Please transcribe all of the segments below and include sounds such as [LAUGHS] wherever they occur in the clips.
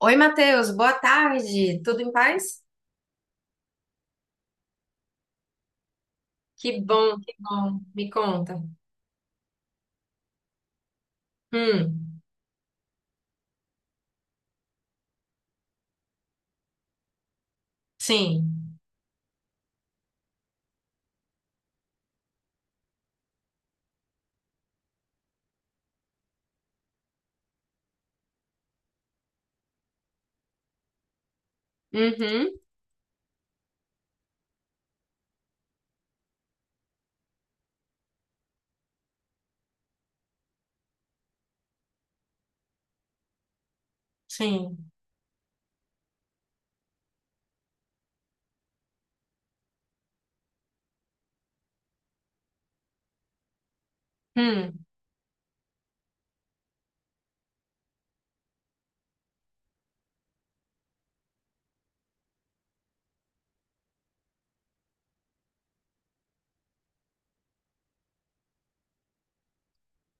Oi, Matheus, boa tarde. Tudo em paz? Que bom, que bom. Me conta. Hum, sim. Uhum, sim. Hum,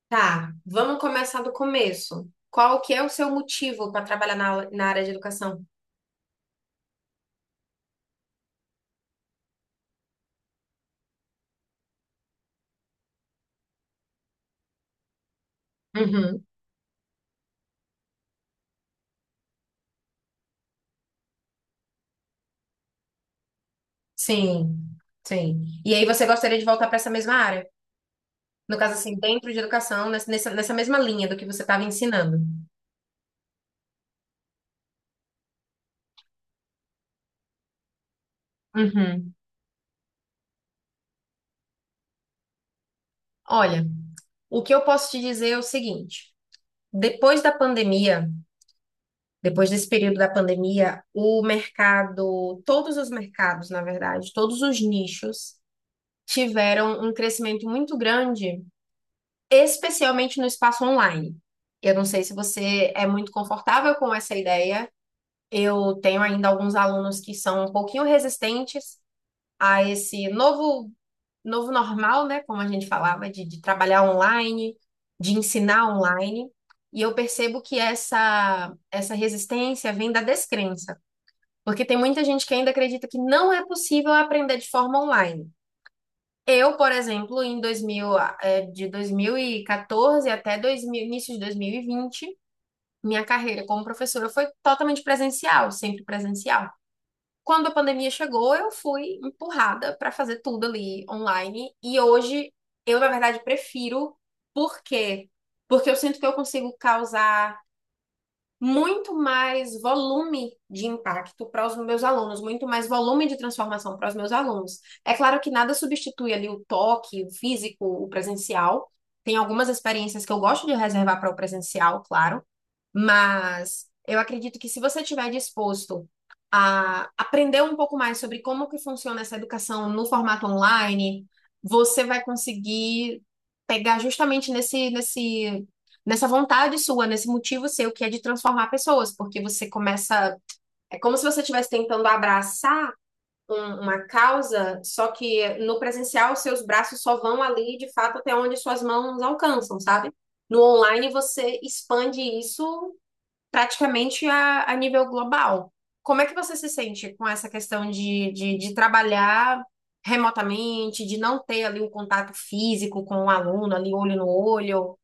tá. Vamos começar do começo. Qual que é o seu motivo para trabalhar na área de educação? Uhum, sim, sim. E aí você gostaria de voltar para essa mesma área? No caso, assim, dentro de educação, nessa mesma linha do que você estava ensinando. Uhum. Olha, o que eu posso te dizer é o seguinte: depois da pandemia, depois desse período da pandemia, o mercado, todos os mercados, na verdade, todos os nichos tiveram um crescimento muito grande, especialmente no espaço online. Eu não sei se você é muito confortável com essa ideia. Eu tenho ainda alguns alunos que são um pouquinho resistentes a esse novo normal, né? Como a gente falava, de trabalhar online, de ensinar online. E eu percebo que essa resistência vem da descrença. Porque tem muita gente que ainda acredita que não é possível aprender de forma online. Eu, por exemplo, em 2000, de 2014 até 2000, início de 2020, minha carreira como professora foi totalmente presencial, sempre presencial. Quando a pandemia chegou, eu fui empurrada para fazer tudo ali online. E hoje, eu, na verdade, prefiro. Por quê? Porque eu sinto que eu consigo causar muito mais volume de impacto para os meus alunos, muito mais volume de transformação para os meus alunos. É claro que nada substitui ali o toque, o físico, o presencial. Tem algumas experiências que eu gosto de reservar para o presencial, claro, mas eu acredito que se você estiver disposto a aprender um pouco mais sobre como que funciona essa educação no formato online, você vai conseguir pegar justamente nessa vontade sua, nesse motivo seu, que é de transformar pessoas, porque você começa. É como se você estivesse tentando abraçar uma causa, só que no presencial seus braços só vão ali, de fato, até onde suas mãos alcançam, sabe? No online você expande isso praticamente a nível global. Como é que você se sente com essa questão de trabalhar remotamente, de não ter ali um contato físico com o aluno, ali olho no olho?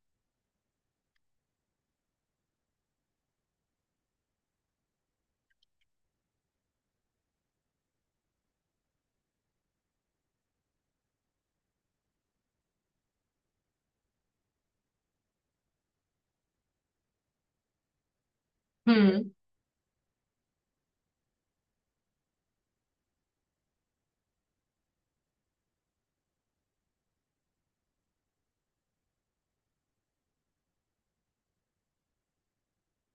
Hum,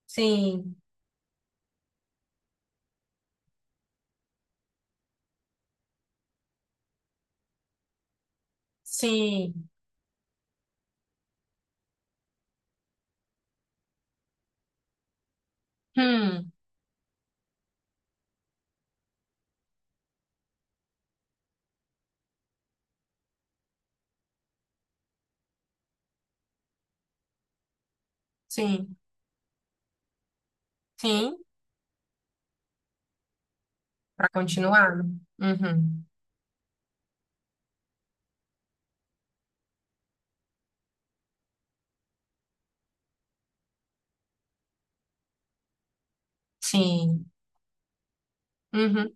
sim, sim, hum, sim, sim, para continuar. Uhum, sim, uhum.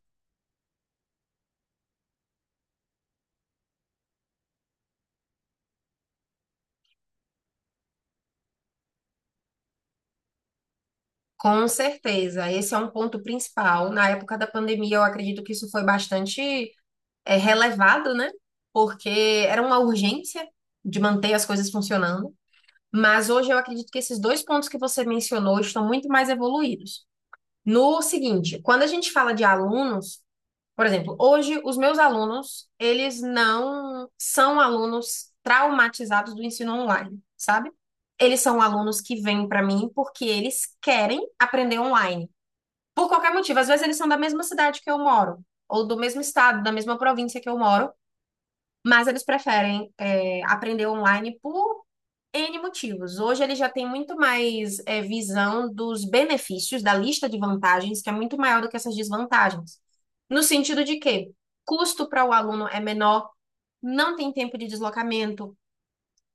Com certeza, esse é um ponto principal. Na época da pandemia, eu acredito que isso foi bastante relevado, né? Porque era uma urgência de manter as coisas funcionando. Mas hoje eu acredito que esses dois pontos que você mencionou estão muito mais evoluídos. No seguinte, quando a gente fala de alunos, por exemplo, hoje os meus alunos, eles não são alunos traumatizados do ensino online, sabe? Eles são alunos que vêm para mim porque eles querem aprender online. Por qualquer motivo, às vezes eles são da mesma cidade que eu moro, ou do mesmo estado, da mesma província que eu moro, mas eles preferem aprender online por N motivos. Hoje eles já têm muito mais visão dos benefícios, da lista de vantagens, que é muito maior do que essas desvantagens. No sentido de que custo para o aluno é menor, não tem tempo de deslocamento,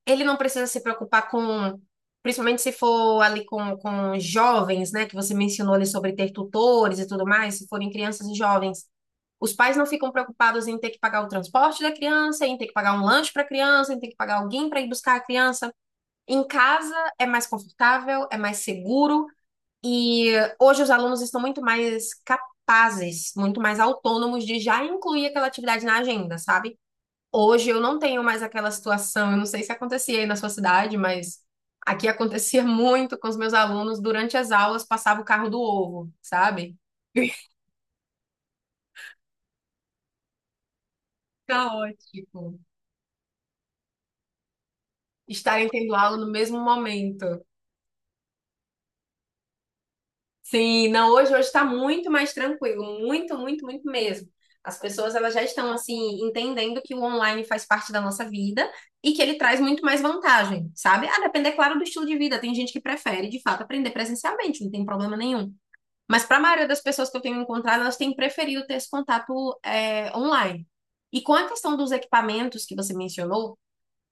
ele não precisa se preocupar com, principalmente se for ali com jovens, né, que você mencionou ali sobre ter tutores e tudo mais, se forem crianças e jovens. Os pais não ficam preocupados em ter que pagar o transporte da criança, em ter que pagar um lanche para a criança, em ter que pagar alguém para ir buscar a criança. Em casa é mais confortável, é mais seguro e hoje os alunos estão muito mais capazes, muito mais autônomos de já incluir aquela atividade na agenda, sabe? Hoje eu não tenho mais aquela situação, eu não sei se acontecia aí na sua cidade, mas aqui acontecia [LAUGHS] muito com os meus alunos, durante as aulas passava o carro do ovo, sabe? Caótico. Tipo, estarem tendo aula no mesmo momento. Sim, não, hoje está muito mais tranquilo, muito, muito, muito mesmo. As pessoas elas já estão assim entendendo que o online faz parte da nossa vida e que ele traz muito mais vantagem, sabe? A depender, claro, do estilo de vida. Tem gente que prefere, de fato, aprender presencialmente, não tem problema nenhum. Mas para a maioria das pessoas que eu tenho encontrado, elas têm preferido ter esse contato online. E com a questão dos equipamentos que você mencionou,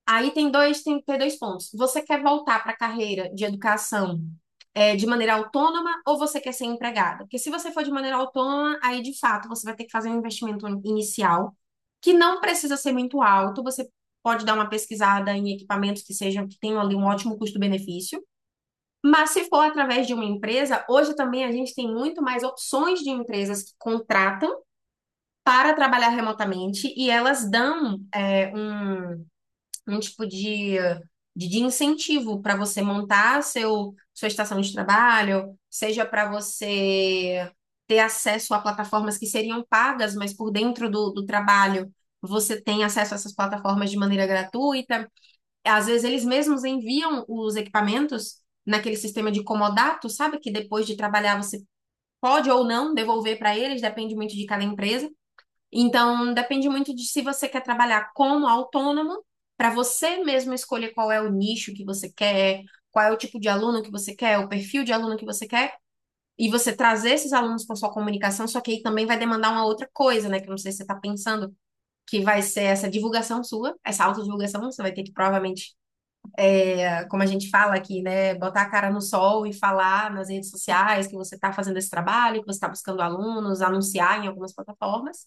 aí tem dois pontos. Você quer voltar para a carreira de educação de maneira autônoma ou você quer ser empregada? Porque se você for de maneira autônoma, aí de fato você vai ter que fazer um investimento inicial que não precisa ser muito alto. Você pode dar uma pesquisada em equipamentos que sejam que tenham ali um ótimo custo-benefício. Mas se for através de uma empresa, hoje também a gente tem muito mais opções de empresas que contratam para trabalhar remotamente e elas dão um tipo de, de incentivo para você montar seu, sua estação de trabalho, seja para você ter acesso a plataformas que seriam pagas, mas por dentro do trabalho você tem acesso a essas plataformas de maneira gratuita. Às vezes eles mesmos enviam os equipamentos naquele sistema de comodato, sabe? Que depois de trabalhar você pode ou não devolver para eles, depende muito de cada empresa. Então, depende muito de se você quer trabalhar como autônomo, para você mesmo escolher qual é o nicho que você quer, qual é o tipo de aluno que você quer, o perfil de aluno que você quer, e você trazer esses alunos para sua comunicação, só que aí também vai demandar uma outra coisa, né? Que eu não sei se você está pensando, que vai ser essa divulgação sua, essa autodivulgação. Você vai ter que provavelmente, como a gente fala aqui, né, botar a cara no sol e falar nas redes sociais que você está fazendo esse trabalho, que você está buscando alunos, anunciar em algumas plataformas.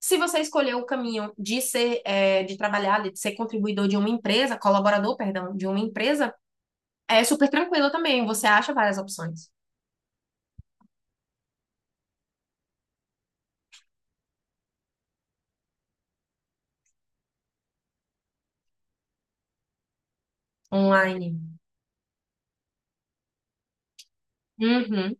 Se você escolher o caminho de ser, de trabalhar, de ser contribuidor de uma empresa, colaborador, perdão, de uma empresa, é super tranquilo também. Você acha várias opções online. Uhum,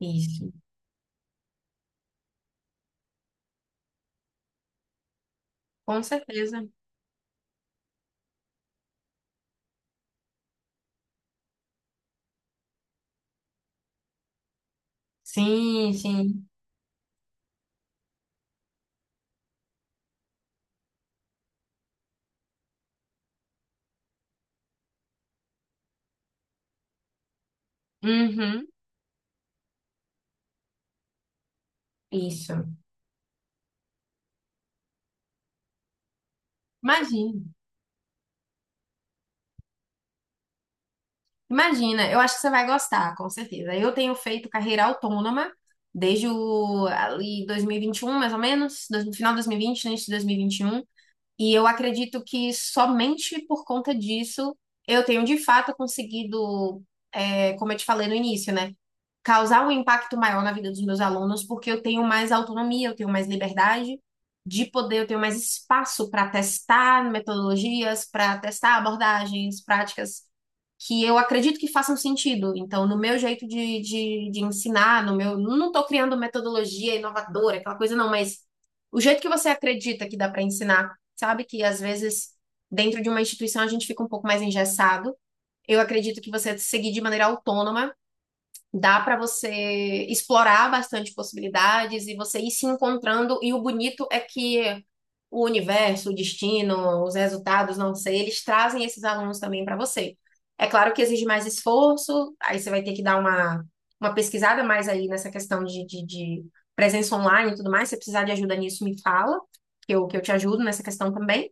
isso. Com certeza. Sim, sim. Uhum, isso. Imagina. Imagina, eu acho que você vai gostar, com certeza. Eu tenho feito carreira autônoma desde o, ali 2021, mais ou menos, no final de 2020, no início de 2021, e vinte e um, e eu acredito que somente por conta disso eu tenho de fato conseguido, como eu te falei no início, né, causar um impacto maior na vida dos meus alunos, porque eu tenho mais autonomia, eu tenho mais liberdade de poder, eu tenho mais espaço para testar metodologias, para testar abordagens, práticas que eu acredito que façam sentido. Então, no meu jeito de ensinar, não estou criando metodologia inovadora, aquela coisa não, mas o jeito que você acredita que dá para ensinar, sabe? Que às vezes dentro de uma instituição a gente fica um pouco mais engessado. Eu acredito que você seguir de maneira autônoma, dá para você explorar bastante possibilidades e você ir se encontrando. E o bonito é que o universo, o destino, os resultados, não sei, eles trazem esses alunos também para você. É claro que exige mais esforço, aí você vai ter que dar uma pesquisada mais aí nessa questão de presença online e tudo mais. Se você precisar de ajuda nisso, me fala, que eu te ajudo nessa questão também.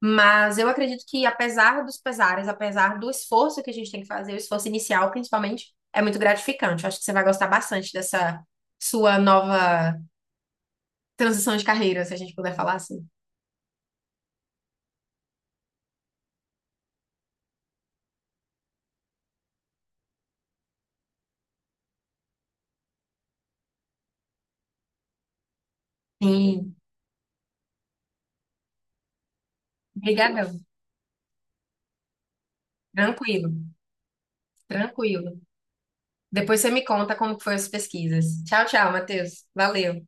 Mas eu acredito que, apesar dos pesares, apesar do esforço que a gente tem que fazer, o esforço inicial, principalmente, é muito gratificante. Eu acho que você vai gostar bastante dessa sua nova transição de carreira, se a gente puder falar assim. Sim, obrigada. Tranquilo, tranquilo. Depois você me conta como que foi as pesquisas. Tchau, tchau, Matheus. Valeu.